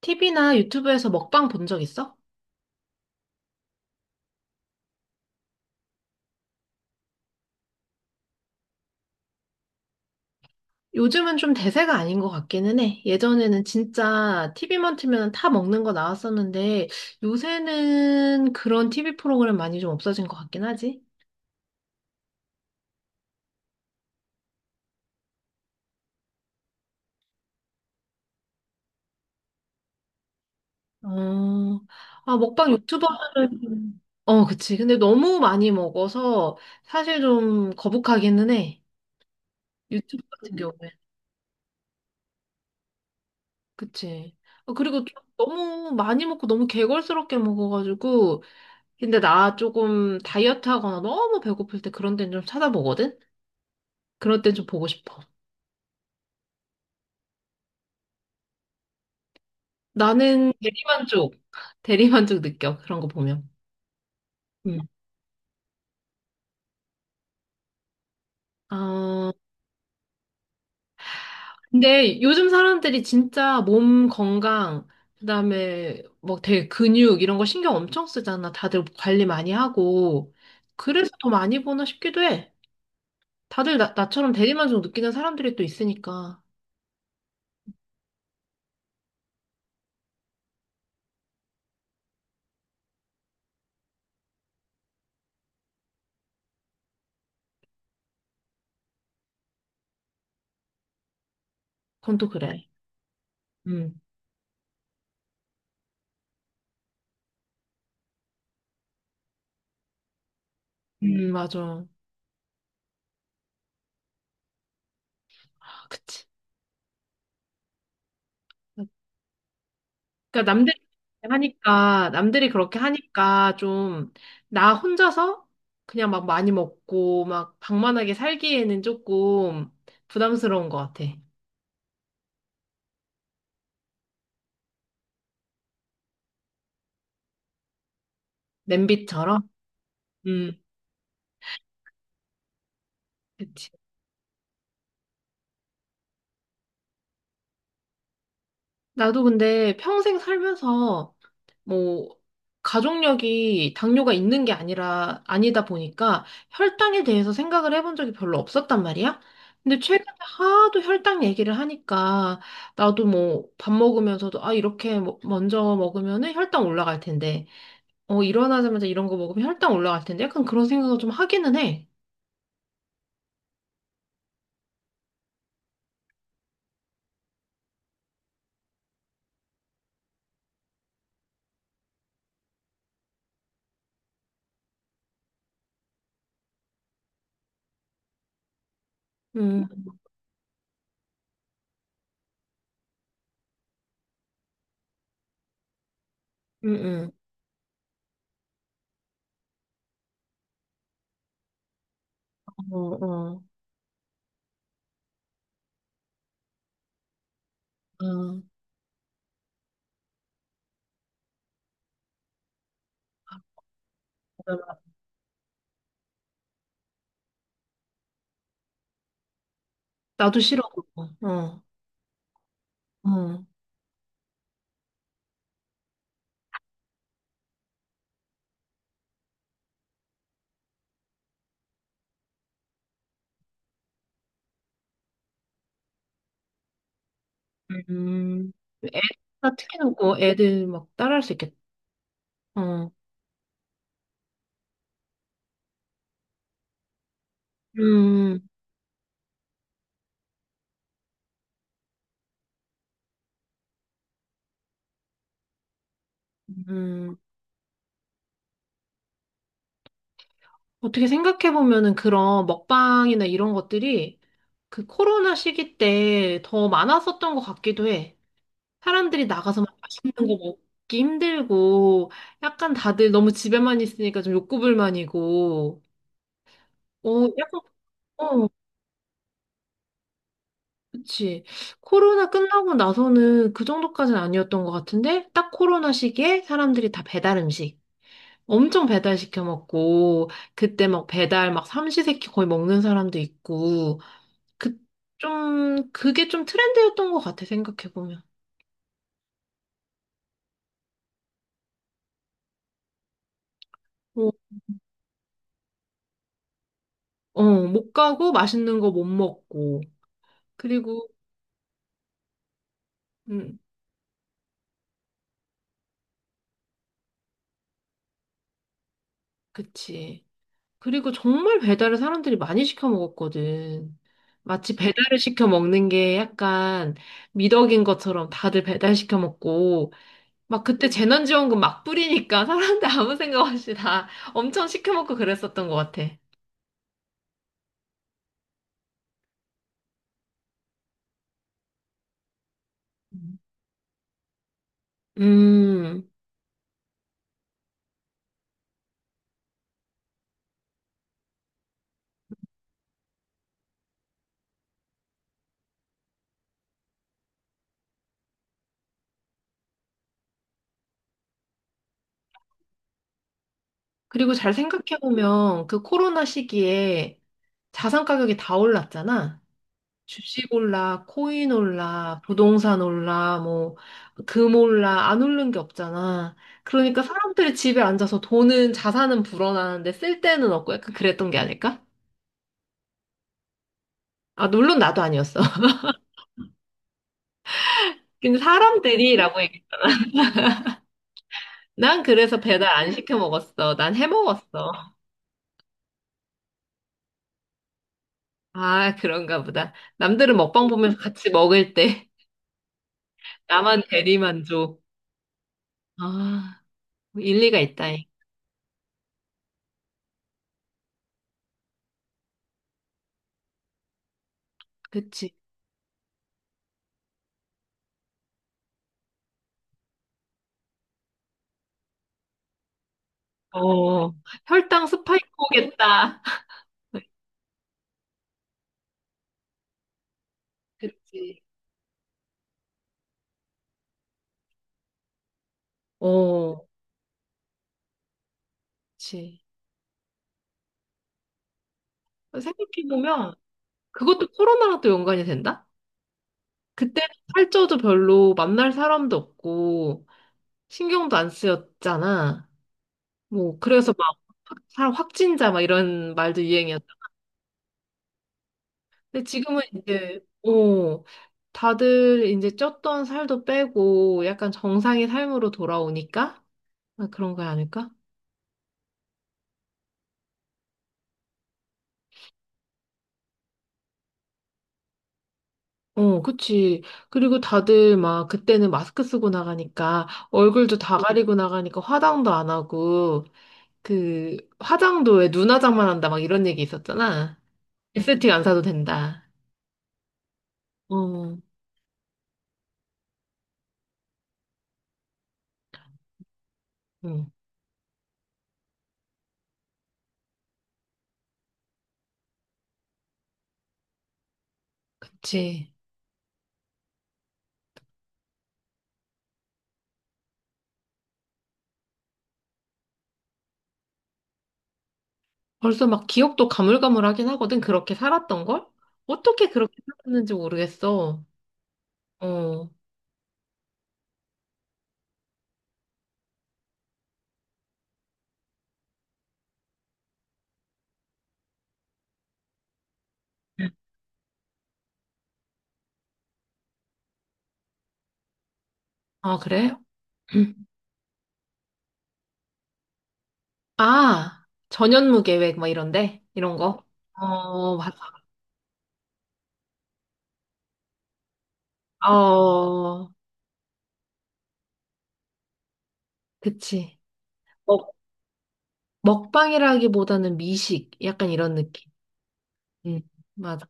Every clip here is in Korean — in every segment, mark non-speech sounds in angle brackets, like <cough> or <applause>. TV나 유튜브에서 먹방 본 적 있어? 요즘은 좀 대세가 아닌 것 같기는 해. 예전에는 진짜 TV만 틀면 다 먹는 거 나왔었는데 요새는 그런 TV 프로그램 많이 좀 없어진 것 같긴 하지. 어, 아, 먹방 유튜버 하면, 어, 그치. 근데 너무 많이 먹어서 사실 좀 거북하기는 해. 유튜브 같은 경우에. 그치. 어, 그리고 좀 너무 많이 먹고 너무 개걸스럽게 먹어가지고, 근데 나 조금 다이어트 하거나 너무 배고플 때 그런 데는 좀 찾아보거든? 그럴 땐 좀 보고 싶어. 나는 대리만족, 대리만족 느껴. 그런 거 보면. 음. 아, 근데 요즘 사람들이 진짜 몸 건강, 그다음에 뭐 되게 근육 이런 거 신경 엄청 쓰잖아. 다들 관리 많이 하고. 그래서 더 많이 보나 싶기도 해. 다들 나처럼 대리만족 느끼는 사람들이 또 있으니까. 그건 또 그래. 음. 맞아. 아, 그치. 그러니까 남들이 그렇게 하니까 좀 나 혼자서 그냥 막 많이 먹고 막 방만하게 살기에는 조금 부담스러운 것 같아. 냄비처럼. 음, 그치. 나도 근데 평생 살면서 뭐 가족력이 당뇨가 있는 게 아니라 아니다 보니까 혈당에 대해서 생각을 해본 적이 별로 없었단 말이야. 근데 최근에 하도 혈당 얘기를 하니까 나도 뭐 밥 먹으면서도, 아 이렇게 먼저 먹으면은 혈당 올라갈 텐데, 어 일어나자마자 이런 거 먹으면 혈당 올라갈 텐데, 약간 그런 생각을 좀 하기는 해. 음, 음, 음, 어, 어, 어. 나도 싫어. 그거. 어, 어. 음, 애, 특히 놓고 애들 막 따라할 수 있겠다. 어. 음, 음. 어떻게 생각해보면은 그런 먹방이나 이런 것들이 그 코로나 시기 때 더 많았었던 것 같기도 해. 사람들이 나가서 막 맛있는 거 먹기 힘들고, 약간 다들 너무 집에만 있으니까 좀 욕구불만이고, 어, 약간, 어, 그치. 코로나 끝나고 나서는 그 정도까지는 아니었던 것 같은데, 딱 코로나 시기에 사람들이 다 배달 음식. 엄청 배달 시켜 먹고, 그때 막 배달 막 삼시세끼 거의 먹는 사람도 있고 그 좀 그게 좀 트렌드였던 것 같아 생각해 보면. 어, 어, 못 가고 맛있는 거 못 먹고, 그리고 음 그치. 그리고 정말 배달을 사람들이 많이 시켜 먹었거든. 마치 배달을 시켜 먹는 게 약간 미덕인 것처럼 다들 배달 시켜 먹고, 막 그때 재난지원금 막 뿌리니까 사람들 아무 생각 없이 다 엄청 시켜먹고 그랬었던 것 같아. 음. 음, 그리고 잘 생각해보면 그 코로나 시기에 자산 가격이 다 올랐잖아. 주식 올라, 코인 올라, 부동산 올라, 뭐, 금 올라, 안 오른 게 없잖아. 그러니까 사람들이 집에 앉아서 돈은, 자산은 불어나는데 쓸 데는 없고 약간 그랬던 게 아닐까? 아, 물론 나도 아니었어. <laughs> 근데 사람들이라고. 난 그래서 배달 안 시켜 먹었어. 난 해 먹었어. 아, 그런가 보다. 남들은 먹방 보면서 같이 먹을 때, <laughs> 나만 대리만족. 아, 뭐 일리가 있다잉. 그치. 어, 혈당 스파이크 오겠다. <laughs> 그치. 어, 그치. 생각해보면 그것도 코로나랑 또 연관이 된다? 그때 살쪄도 별로 만날 사람도 없고 신경도 안 쓰였잖아. 뭐, 그래서 막 확진자 막 이런 말도 유행이었. 근데 지금은 이제, 어, 다들 이제 쪘던 살도 빼고 약간 정상의 삶으로 돌아오니까? 아, 그런 거 아닐까? 어, 그치. 그리고 다들 막 그때는 마스크 쓰고 나가니까 얼굴도 다 가리고 나가니까 화장도 안 하고, 그 화장도 왜 눈화장만 한다 막 이런 얘기 있었잖아. 에스테틱 안 사도 된다. 어, 응, 그치. 벌써 막 기억도 가물가물하긴 하거든. 그렇게 살았던 걸? 어떻게 그렇게 살았는지 모르겠어. 어, 아, 그래? <clears throat> 아, 전현무 계획, 막 이런데? 이런 거? 어, 맞아. 어, 그치. 먹, 먹방이라기보다는 미식, 약간 이런 느낌. 응, 맞아.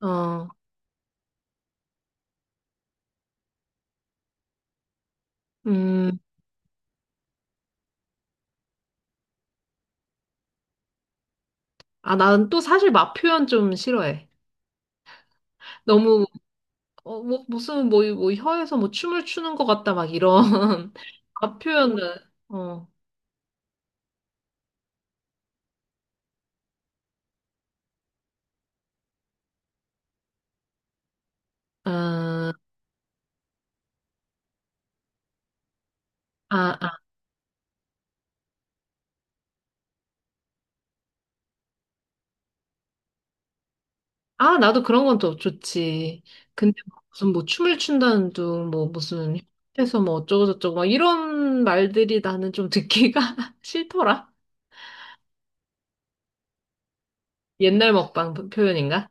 어, 음, 아, 난 또 사실 맛 표현 좀 싫어해. 너무, 어, 뭐, 무슨, 뭐, 뭐, 혀에서 뭐 춤을 추는 것 같다, 막 이런. <laughs> 맛 표현은, 어, 아, 아, 아. 아, 나도 그런 건 더 좋지. 근데 막 무슨 뭐 춤을 춘다는 둥, 뭐 무슨 협회에서 뭐 어쩌고저쩌고 막 이런 말들이 나는 좀 듣기가 <laughs> 싫더라. 옛날 먹방 표현인가?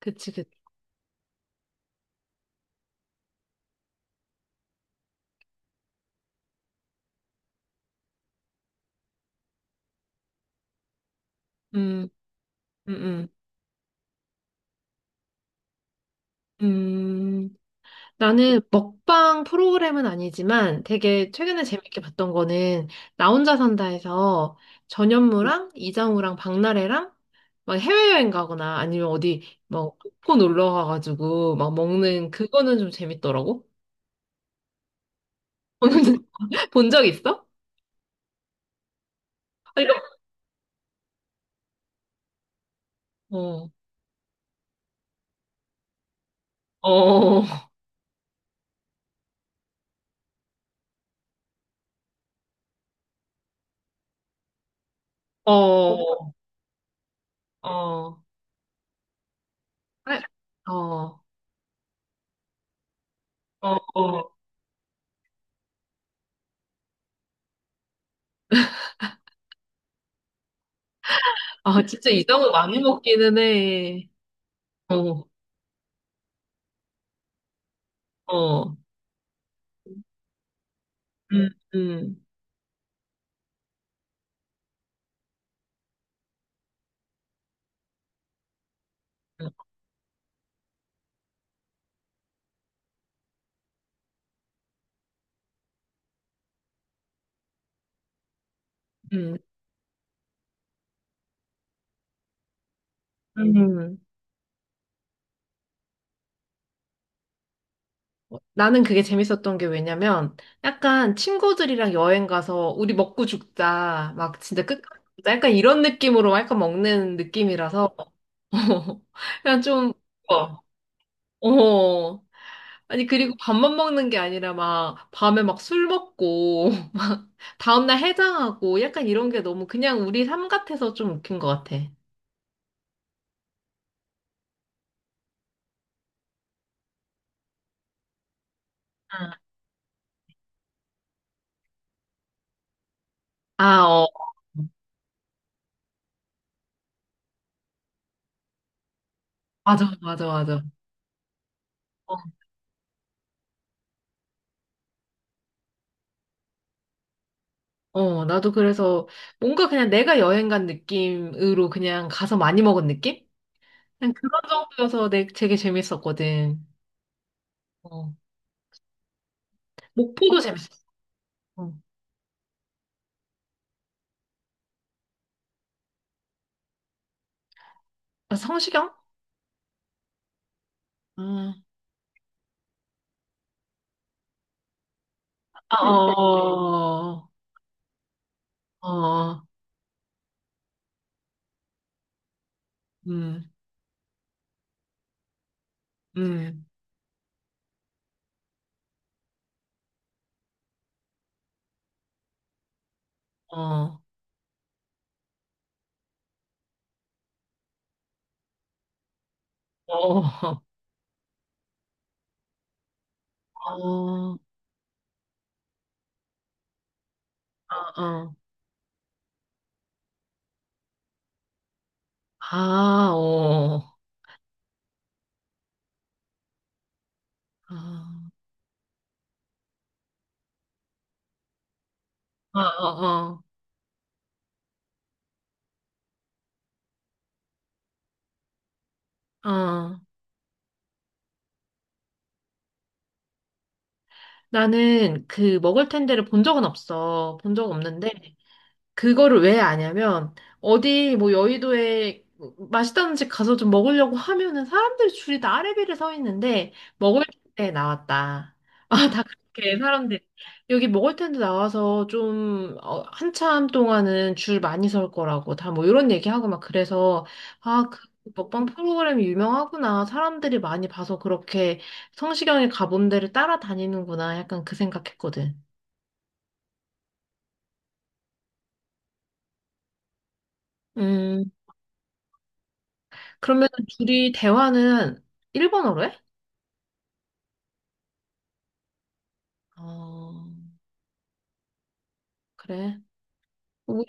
그치, 그치. 음, 음, 음. 음. 나는 먹방 프로그램은 아니지만 되게 최근에 재밌게 봤던 거는 나 혼자 산다에서 전현무랑 이장우랑 박나래랑 막 해외여행 가거나 아니면 어디 뭐 놓고 놀러 가가지고 막 먹는 그거는 좀 재밌더라고. <laughs> 본 적 있어? 아, 이거 어, 어, 어, 어, 어. 아, 어, 어, 어. 아, 진짜 이장우 많이 먹기는 해. 어, 어, 음, 음. 음. 음. 음, 어, 나는 그게 재밌었던 게 왜냐면 약간 친구들이랑 여행 가서 우리 먹고 죽자, 막 진짜 끝까지 죽자, 약간 이런 느낌으로 약간 먹는 느낌이라서. <laughs> 그냥 좀, 어, 어. 아니, 그리고 밥만 먹는 게 아니라 막 밤에 막 술 먹고 <laughs> 다음날 해장하고 약간 이런 게 너무 그냥 우리 삶 같아서 좀 웃긴 것 같아. 응. 아, 어. 맞아, 맞아, 맞아. 어, 나도 그래서 뭔가 그냥 내가 여행 간 느낌으로 그냥 가서 많이 먹은 느낌? 그냥 그런 정도여서 되게 재밌었거든. 어. 목포도 재밌었어. 어. 아, 성시경? 아, 아, 어, 어, 어, 음, 음, 어, 어, 어, <laughs> 어, 어, 아, 어, 아, 어, 어, 어. 어. 나는 그 먹을 텐데를 본 적은 없어. 본 적 없는데, 그거를 왜 아냐면 어디 뭐 여의도에 맛있다는 집 가서 좀 먹으려고 하면은 사람들 줄이 다 아래비를 서 있는데 먹을 때 나왔다. <laughs> 아, 다 그렇게 사람들 여기 먹을 텐데 나와서 좀, 어, 한참 동안은 줄 많이 설 거라고 다 뭐 이런 얘기하고 막 그래서 아, 그 먹방 프로그램이 유명하구나. 사람들이 많이 봐서 그렇게 성시경이 가본 데를 따라다니는구나. 약간 그 생각했거든. 음. 그러면 둘이 대화는 일본어로 해? 어, 그래. 우리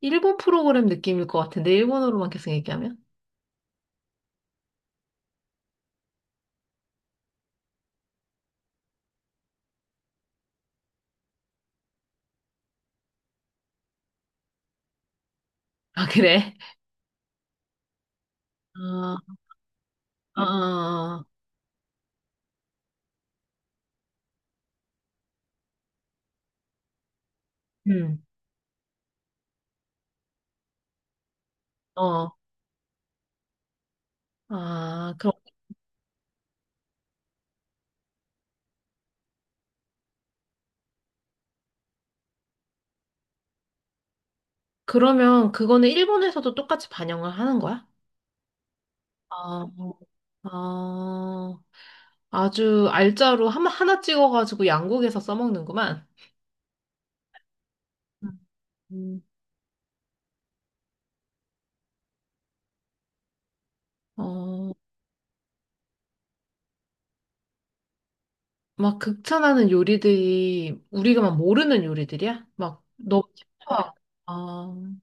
일본 프로그램 느낌일 것 같은데, 일본어로만 계속 얘기하면? 아, 그래? 아, 아, 음. 어. 아, 그럼, 그러면 그거는 일본에서도 똑같이 반영을 하는 거야? 아, 아, 아주 알짜로 하나, 하나 찍어가지고 양국에서 써먹는구만. 음. 어. 막 극찬하는 요리들이 우리가 막 모르는 요리들이야? 막 너무 쉽다. 아,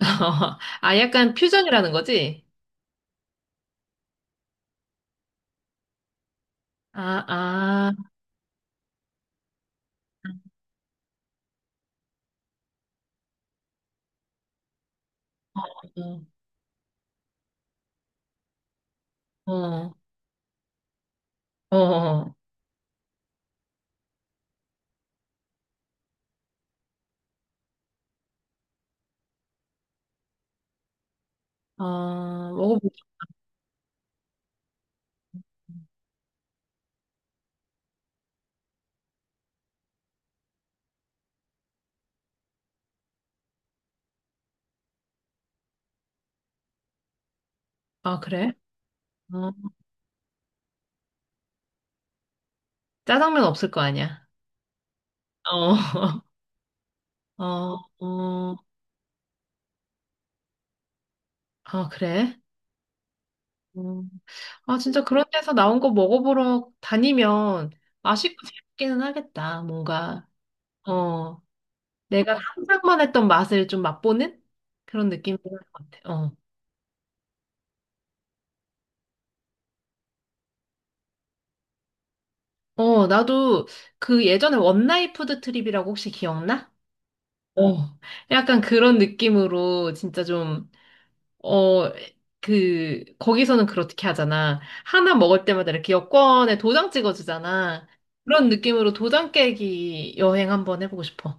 <laughs> 아 약간 퓨전이라는 거지? 아, 아, 어, 어, 어, 어, 어, 먹어보자. 아, 그래? 어. 짜장면 없을 거 아니야? 어, <laughs> 어, 어, 아, 그래? 음. 아, 진짜 그런 데서 나온 거 먹어보러 다니면 맛있고 재밌기는 하겠다, 뭔가. 어. 내가 상상만 했던 맛을 좀 맛보는 그런 느낌인 것 같아. 어. 어, 나도 그 예전에 원나잇 푸드 트립이라고 혹시 기억나? 어. 약간 그런 느낌으로 진짜 좀, 어, 그, 거기서는 그렇게 하잖아. 하나 먹을 때마다 이렇게 여권에 도장 찍어주잖아. 그런 느낌으로 도장 깨기 여행 한번 해보고 싶어.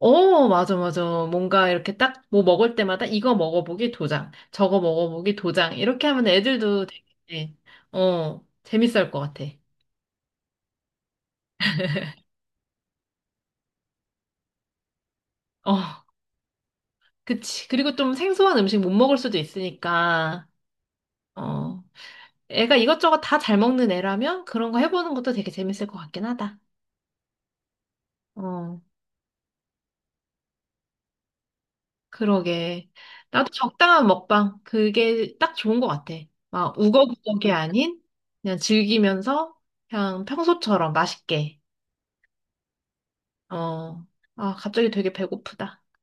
어, 맞아, 맞아. 뭔가 이렇게 딱 뭐 먹을 때마다 이거 먹어보기 도장, 저거 먹어보기 도장. 이렇게 하면 애들도 되게, 어, 재밌을 것 같아. 어, 그치. 그리고 좀 생소한 음식 못 먹을 수도 있으니까, 어, 애가 이것저것 다 잘 먹는 애라면 그런 거 해보는 것도 되게 재밌을 것 같긴 하다. 어, 그러게. 나도 적당한 먹방. 그게 딱 좋은 것 같아. 막 우거부거게 아닌 그냥 즐기면서 그냥 평소처럼 맛있게. 어, 아, 갑자기 되게 배고프다.